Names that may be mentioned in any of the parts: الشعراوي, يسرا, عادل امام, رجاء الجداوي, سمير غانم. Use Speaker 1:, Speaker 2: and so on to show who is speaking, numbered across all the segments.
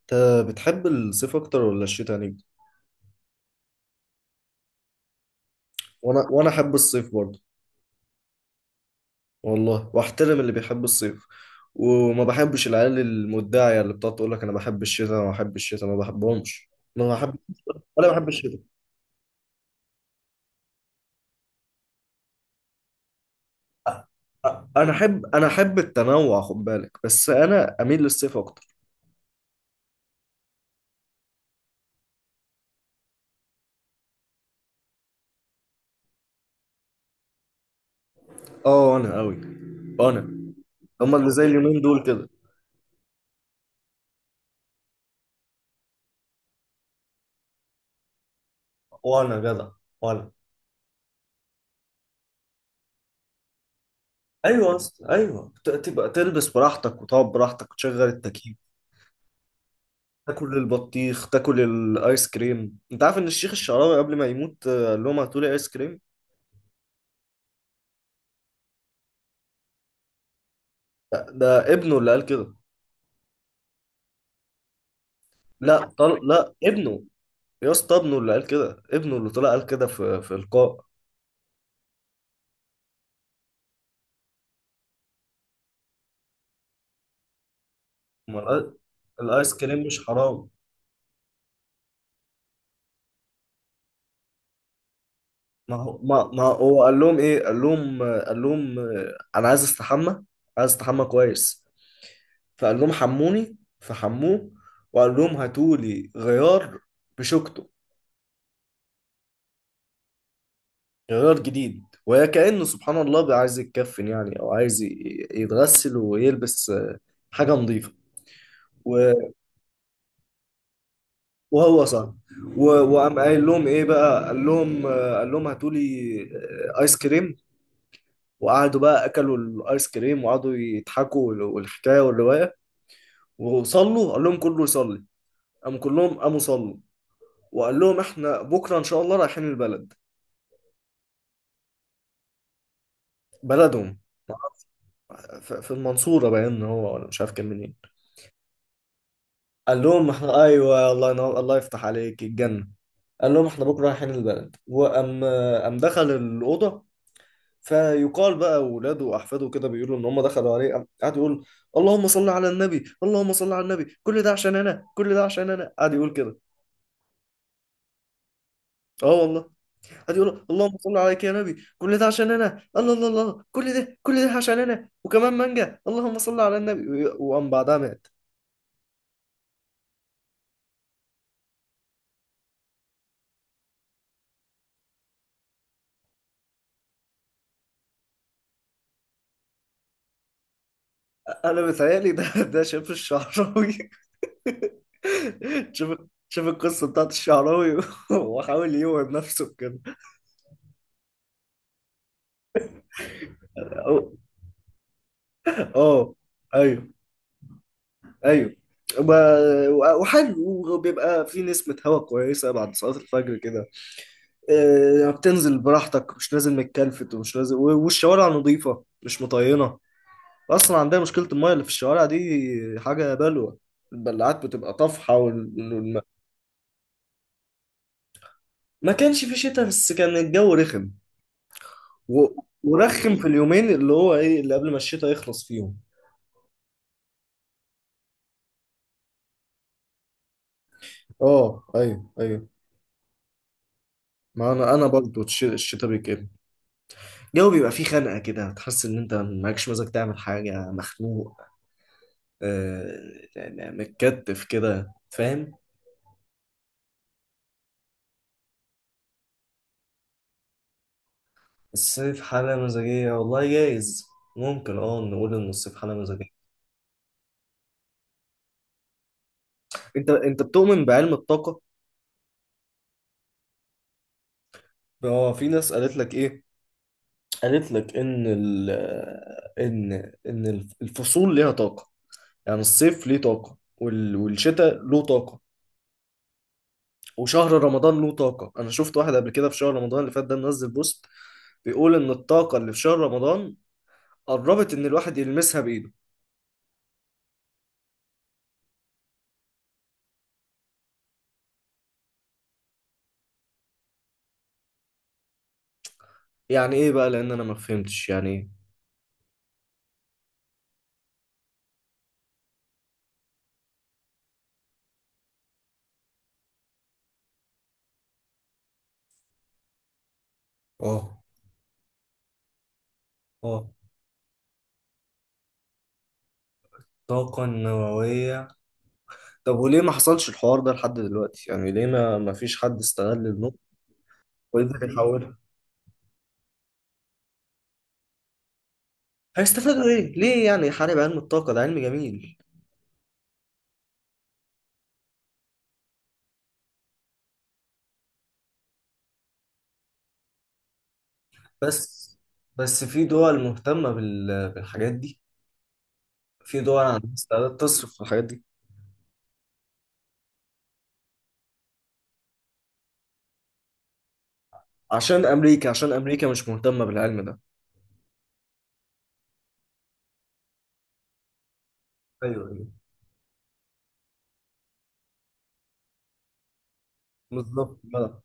Speaker 1: انت بتحب الصيف اكتر ولا الشتاء يعني؟ وانا احب الصيف برضه. والله واحترم اللي بيحب الصيف. وما بحبش العيال المدعية اللي بتقعد تقول لك انا بحب الشتاء انا بحب الشتاء، ما بحبهمش. ما بحب، ولا بحب الشتاء. أ- انا احب التنوع، خد بالك، بس انا اميل للصيف اكتر. اه، انا قوي. انا هما اللي زي اليومين دول كده. وانا جدع. وانا ايوه يا اسطى، ايوه تبقى تلبس براحتك، وتقعد براحتك، وتشغل التكييف. تاكل البطيخ، تاكل الايس كريم. انت عارف ان الشيخ الشعراوي قبل ما يموت قال لهم هاتولي ايس كريم؟ لا، ده ابنه اللي قال كده. لا، لا ابنه. يا اسطى، ابنه اللي قال كده، ابنه اللي طلع قال كده في لقاء. ما الآ- الايس كريم مش حرام؟ ما هو قال لهم ايه؟ قال لهم قال لهم انا عايز استحمى. عايز استحمى كويس. فقال لهم حموني، فحموه. وقال لهم هاتولي غيار. بشوكته. جرار جديد، وكأنه سبحان الله بقى عايز يتكفن يعني، أو عايز يتغسل ويلبس حاجة نظيفة. و- وهو صح. وقام قايل لهم إيه بقى، قال لهم قال لهم هاتوا لي آيس كريم. وقعدوا بقى أكلوا الآيس كريم، وقعدوا يضحكوا والحكاية والرواية. وصلوا، قال لهم كله يصلي. قام كلهم قاموا صلوا. وقال لهم إحنا بكرة إن شاء الله رايحين البلد. بلدهم. في المنصورة، باين إن هو، ولا مش عارف كان منين. قال لهم احنا، ايوه، الله ينور، الله يفتح عليك الجنه. قال لهم احنا بكره رايحين البلد، وقام. قام دخل الاوضه. فيقال بقى اولاده واحفاده كده بيقولوا ان هم دخلوا عليه، قام قعد يقول اللهم صل على النبي، اللهم صل على النبي، كل ده عشان انا، كل ده عشان انا، قعد يقول كده. اه، والله. قعد يقول اللهم صل عليك يا نبي، كل ده عشان انا، الله الله الله، كل ده عشان انا، وكمان مانجا، اللهم صل على النبي، وقام بعدها مات. انا بيتهيألي ده شاف الشعراوي. شوف. شوف القصة بتاعت الشعراوي، وحاول يوعد نفسه كده. أو- اه، ايوه، ايوه. ب- وحلو، وبيبقى في نسمة هوا كويسة بعد صلاة الفجر كده. بتنزل براحتك، مش لازم متكلفت، ومش لازم، والشوارع نظيفة، مش مطينة. أصلا عندنا مشكلة المية اللي في الشوارع دي. حاجة بلوة. البلعات بتبقى طافحة، ما كانش في شتاء، بس كان الجو رخم. و... ورخم في اليومين اللي هو ايه، اللي قبل ما الشتاء يخلص فيهم. اه، ايوه، ايوه. ما انا برضه الشتاء بيجي. الجو بيبقى فيه خنقه كده، تحس ان انت معكش مزاج تعمل حاجه، مخنوق. آه يعني متكتف كده، فاهم. الصيف حاله مزاجيه، والله جايز. ممكن، اه، نقول ان الصيف حاله مزاجيه. انت بتؤمن بعلم الطاقه؟ هو في ناس قالت لك ايه؟ قالت لك ان ال ان ان الفصول ليها طاقه. يعني الصيف ليه طاقة، والشتاء له طاقة. وشهر رمضان له طاقة. أنا شفت واحد قبل كده في شهر رمضان اللي فات، ده منزل بوست بيقول إن الطاقة اللي في شهر رمضان قربت إن الواحد يلمسها بإيده. يعني إيه بقى؟ لأن أنا ما فهمتش يعني إيه. آه. آه. طاقة نووية. طب، وليه ما حصلش الحوار ده لحد دلوقتي؟ يعني ليه ما فيش حد استغل النقطة وقدر يحولها؟ هيستفادوا إيه؟ ليه يعني يحارب علم الطاقة؟ ده علم جميل. بس بس في دول مهتمة بالحاجات دي. في دول عندها استعداد تصرف في الحاجات دي. عشان امريكا مش مهتمه بالعلم ده. ايوه، ايوه، بالظبط بقى.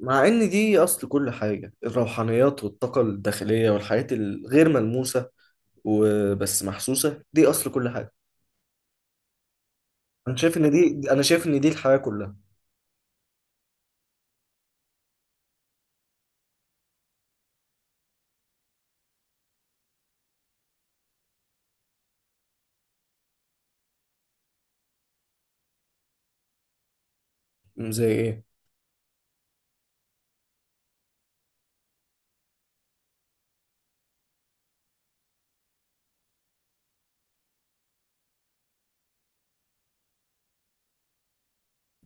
Speaker 1: مع ان دي اصل كل حاجه، الروحانيات والطاقه الداخليه والحاجات الغير ملموسه وبس محسوسه، دي اصل كل حاجه. انا شايف ان دي الحياه كلها. زي ايه؟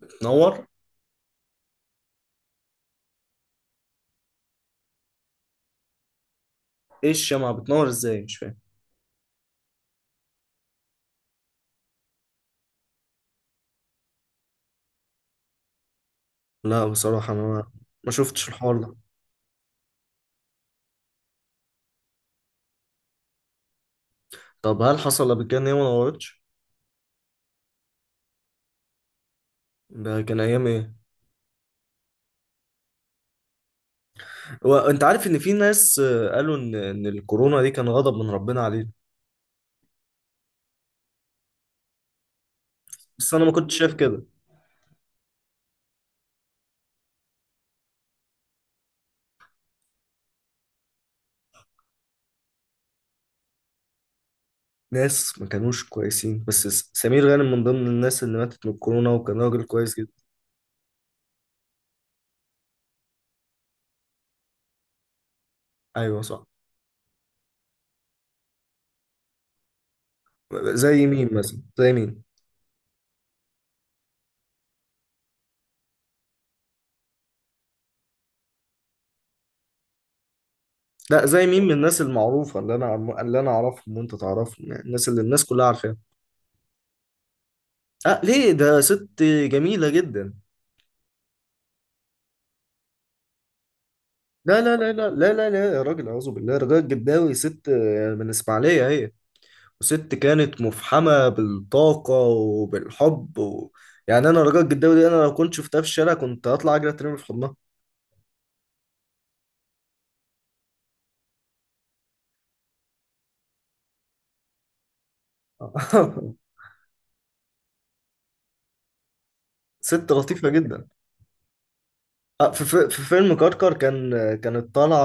Speaker 1: بتنور. ايه؟ الشمعة بتنور ازاي؟ مش فاهم. لا، بصراحه انا ما شفتش الحوار ده. طب، هل حصل قبل كده ان هي ما نورتش؟ ده كان ايام ايه؟ وانت عارف ان في ناس قالوا ان الكورونا دي كان غضب من ربنا علينا؟ بس انا ما كنتش شايف كده. ناس ما كانوش كويسين، بس سمير غانم من ضمن الناس اللي ماتت من الكورونا، وكان راجل كويس جدا. ايوه، صح. زي مين مثلا؟ زي مين؟ لا، زي مين من الناس المعروفه، اللي انا اللي انا اعرفهم وانت تعرفهم، يعني الناس اللي الناس كلها عارفاها. اه، ليه؟ ده ست جميله جدا. لا، لا، لا، لا، لا، لا، لا، يا راجل، اعوذ بالله. رجاء الجداوي ست من اسماعيليه هي. وست كانت مفحمة بالطاقة وبالحب. يعني أنا رجاء الجداوي دي، أنا لو كنت شفتها في الشارع كنت هطلع أجري أترمي في حضنها. ست لطيفة جدا. في فيلم كركر، كانت طالعة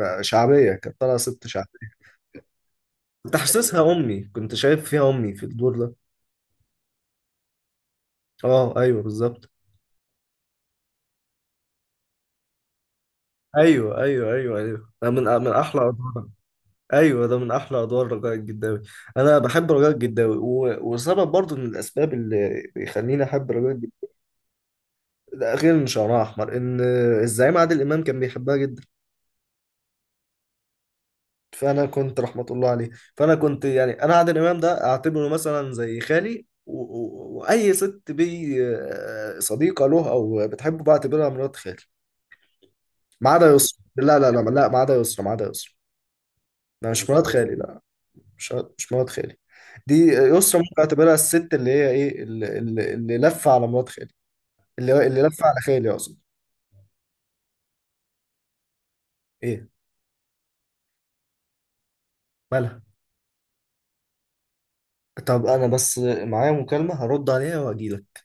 Speaker 1: شعبية، كانت طالعة ست شعبية. كنت حاسسها أمي، كنت شايف فيها أمي في الدور ده. أه، أيوه، بالظبط. أيوه، أيوه، أيوه، أيوه، من أحلى أدوار. ايوه، ده من احلى ادوار رجاء الجداوي. انا بحب رجاء الجداوي، وسبب برضو من الاسباب اللي بيخليني احب رجاء الجداوي. ده غير ان شعرها احمر، ان الزعيم عادل امام كان بيحبها جدا. فانا كنت، رحمه الله عليه. فانا كنت يعني، انا عادل امام ده اعتبره مثلا زي خالي، واي ست بي صديقه له او بتحبه، بعتبرها مرات خالي. ما عدا يسرا، لا، لا، لا، لا، ما عدا يسرا، ما عدا يسرا. انا مش مرات يسرا خالي، لا. مش مرات خالي. دي يسرا ممكن اعتبرها الست، اللي هي ايه، اللي لفه على مرات خالي. اللي لفه على خالي، اقصد. ايه؟ مالها؟ طب انا بس معايا مكالمة هرد عليها واجيلك.